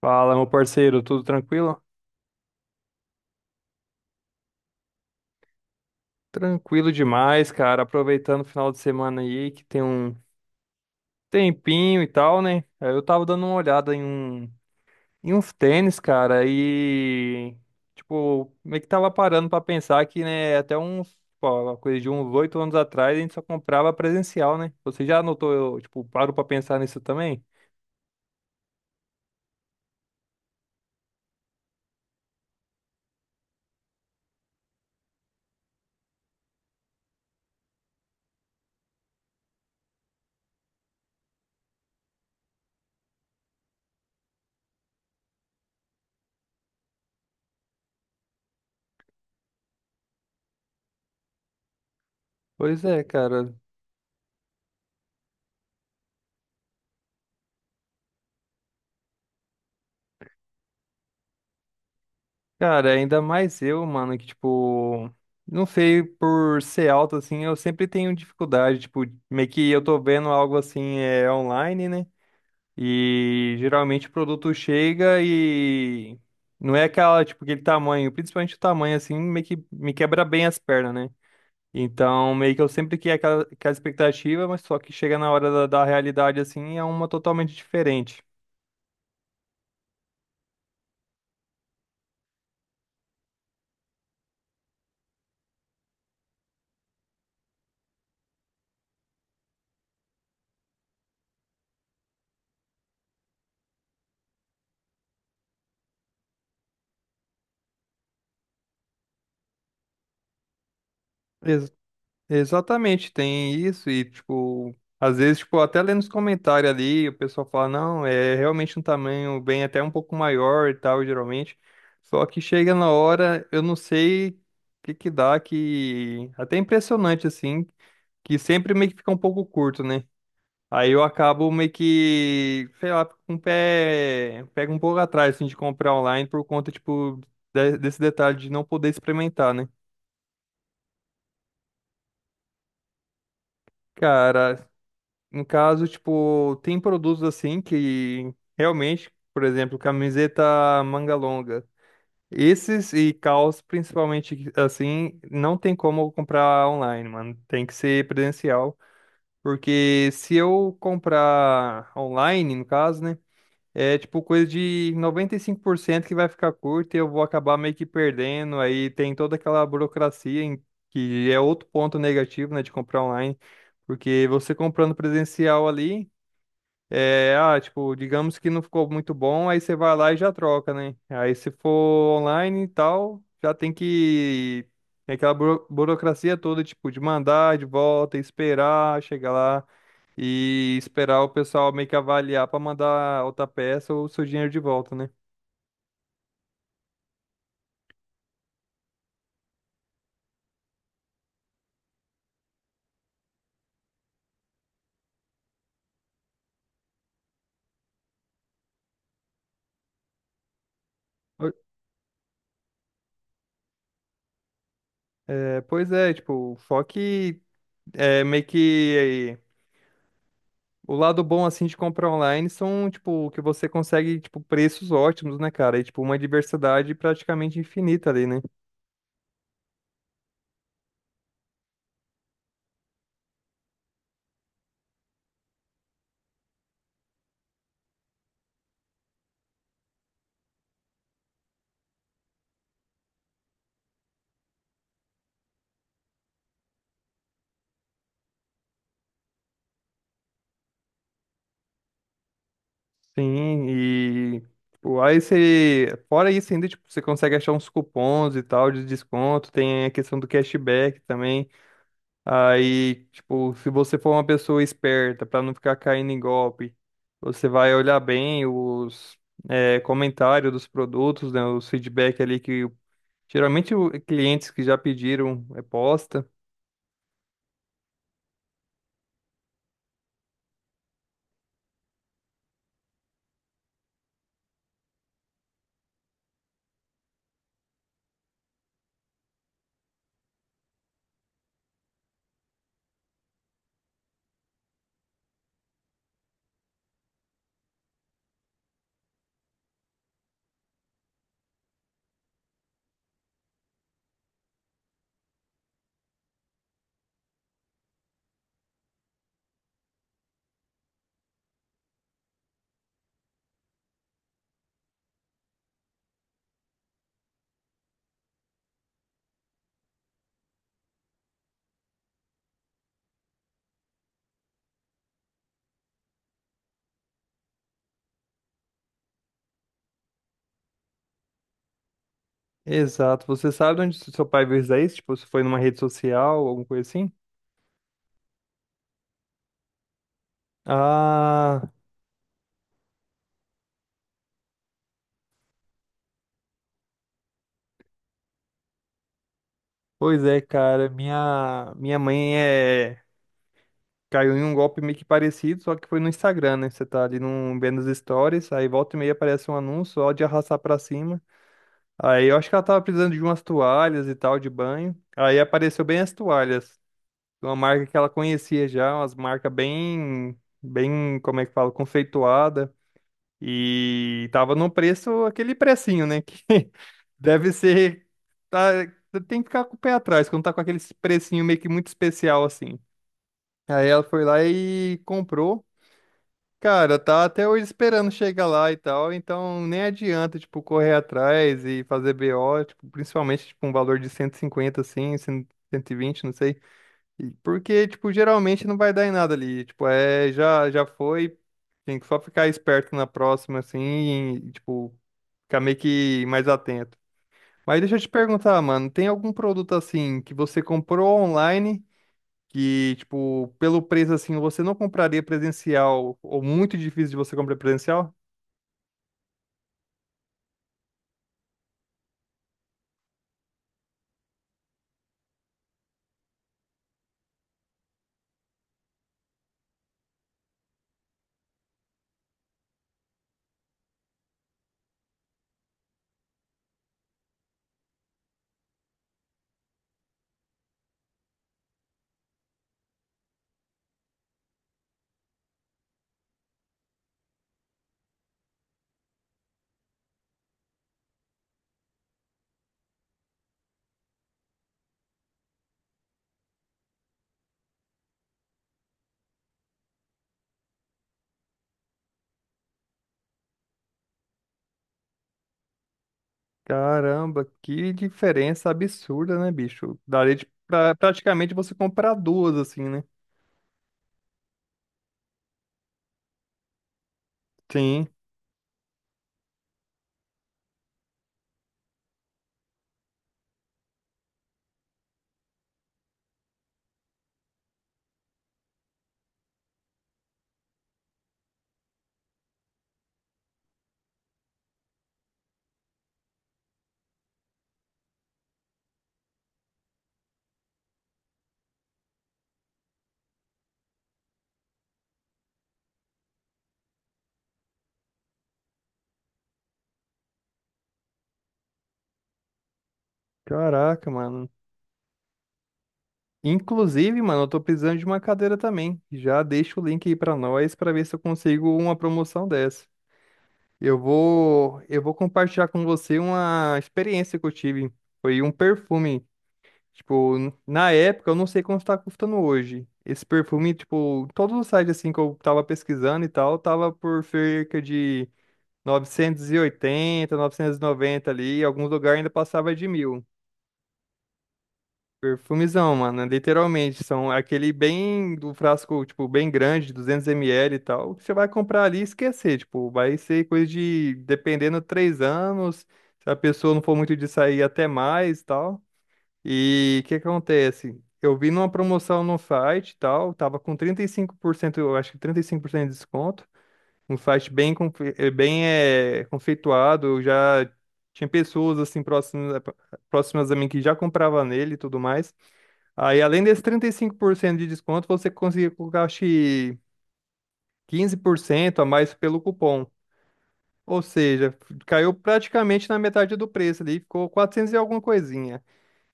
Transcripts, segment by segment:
Fala, meu parceiro, tudo tranquilo? Tranquilo demais, cara. Aproveitando o final de semana aí, que tem um tempinho e tal, né? Aí eu tava dando uma olhada em uns tênis, cara, e tipo, meio que tava parando pra pensar que, né, até uns, pô, uma coisa de uns oito anos atrás a gente só comprava presencial, né? Você já notou, eu, tipo, paro pra pensar nisso também? Pois é, cara. Cara, ainda mais eu, mano, que tipo, não sei, por ser alto assim, eu sempre tenho dificuldade, tipo, meio que eu tô vendo algo assim é online, né? E geralmente o produto chega e não é aquela, tipo, aquele tamanho, principalmente o tamanho assim, meio que me quebra bem as pernas, né? Então, meio que eu sempre criei aquela expectativa, mas só que chega na hora da realidade assim, é uma totalmente diferente. Exatamente, tem isso e, tipo, às vezes, tipo, até lendo os comentários ali, o pessoal fala, não, é realmente um tamanho bem até um pouco maior e tal, geralmente. Só que chega na hora, eu não sei o que que dá, que até é impressionante, assim, que sempre meio que fica um pouco curto, né? Aí eu acabo meio que, sei lá, fico com o pé, pego um pouco atrás, assim, de comprar online por conta, tipo, desse detalhe de não poder experimentar, né? Cara, no caso, tipo, tem produtos assim que realmente, por exemplo, camiseta manga longa. Esses e calças, principalmente assim, não tem como comprar online, mano. Tem que ser presencial. Porque se eu comprar online, no caso, né? É tipo coisa de 95% que vai ficar curta e eu vou acabar meio que perdendo. Aí tem toda aquela burocracia, que é outro ponto negativo, né, de comprar online. Porque você comprando presencial ali. É, ah, tipo, digamos que não ficou muito bom, aí você vai lá e já troca, né? Aí se for online e tal, já tem que. Tem aquela burocracia toda, tipo, de mandar de volta, esperar, chegar lá e esperar o pessoal meio que avaliar pra mandar outra peça ou o seu dinheiro de volta, né? Oi. É, pois é, tipo, só que é meio que. O lado bom, assim, de comprar online são, tipo, que você consegue, tipo, preços ótimos, né, cara? E, tipo, uma diversidade praticamente infinita ali, né? Sim, e, tipo, aí você... Fora isso ainda, tipo, você consegue achar uns cupons e tal de desconto, tem a questão do cashback também. Aí, tipo, se você for uma pessoa esperta, pra não ficar caindo em golpe, você vai olhar bem os... é, comentário dos produtos, né, os feedback ali que geralmente, clientes que já pediram é posta. Exato. Você sabe onde seu pai viu isso aí? Tipo, se foi numa rede social, alguma coisa assim? Ah, pois é, cara. Minha mãe é... caiu em um golpe meio que parecido, só que foi no Instagram, né? Você tá ali num, vendo as stories, aí volta e meia aparece um anúncio só de arrastar pra cima. Aí eu acho que ela tava precisando de umas toalhas e tal, de banho. Aí apareceu bem as toalhas. Uma marca que ela conhecia já, umas marcas bem, bem, como é que fala, conceituada. E tava no preço, aquele precinho, né? Que deve ser. Tá, tem que ficar com o pé atrás, quando tá com aquele precinho meio que muito especial assim. Aí ela foi lá e comprou. Cara, tá até hoje esperando chegar lá e tal, então nem adianta, tipo, correr atrás e fazer BO, tipo, principalmente, tipo, um valor de 150 assim, 120 não sei. Porque, tipo, geralmente não vai dar em nada ali. Tipo, é, já, já foi. Tem que só ficar esperto na próxima, assim, e, tipo, ficar meio que mais atento. Mas deixa eu te perguntar, mano, tem algum produto assim que você comprou online que, tipo, pelo preço assim, você não compraria presencial ou muito difícil de você comprar presencial? Caramba, que diferença absurda, né, bicho? Daria de, pra, praticamente você comprar duas, assim, né? Sim. Caraca, mano. Inclusive, mano, eu tô precisando de uma cadeira também. Já deixa o link aí pra nós pra ver se eu consigo uma promoção dessa. Eu vou compartilhar com você uma experiência que eu tive. Foi um perfume. Tipo, na época, eu não sei quanto tá custando hoje. Esse perfume, tipo, todos os sites assim que eu tava pesquisando e tal, tava por cerca de novecentos e 990 ali, e alguns lugares ainda passava de mil. Perfumizão, mano, literalmente, são aquele bem do frasco, tipo, bem grande, 200 ml e tal, que você vai comprar ali e esquecer, tipo, vai ser coisa de, dependendo, 3 anos, se a pessoa não for muito de sair, até mais e tal. E o que acontece? Eu vi numa promoção no site e tal, tava com 35%, eu acho que 35% de desconto, um site bem, bem conceituado. Eu já tinha pessoas assim próximas, próximas a mim que já comprava nele e tudo mais. Aí, além desse 35% de desconto, você conseguia colocar, acho que 15% a mais pelo cupom. Ou seja, caiu praticamente na metade do preço ali, ficou 400 e alguma coisinha.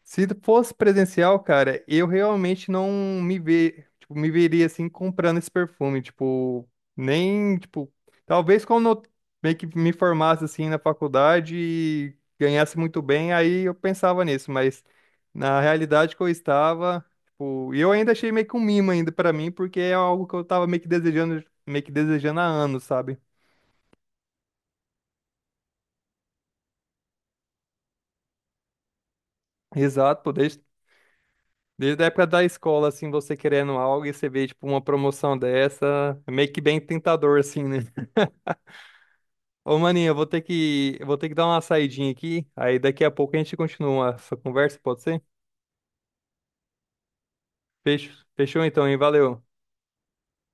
Se fosse presencial, cara, eu realmente não me ve... tipo, me veria assim comprando esse perfume, tipo, nem, tipo, talvez quando eu meio que me formasse assim na faculdade e ganhasse muito bem, aí eu pensava nisso, mas na realidade que eu estava, tipo, e eu ainda achei meio que um mimo ainda pra mim, porque é algo que eu tava meio que desejando há anos, sabe? Exato, pô, desde desde a época da escola, assim, você querendo algo e você vê, tipo, uma promoção dessa, é meio que bem tentador, assim, né? Ô, maninho, eu vou ter que dar uma saidinha aqui, aí daqui a pouco a gente continua essa conversa, pode ser? Fechou então, hein? Valeu.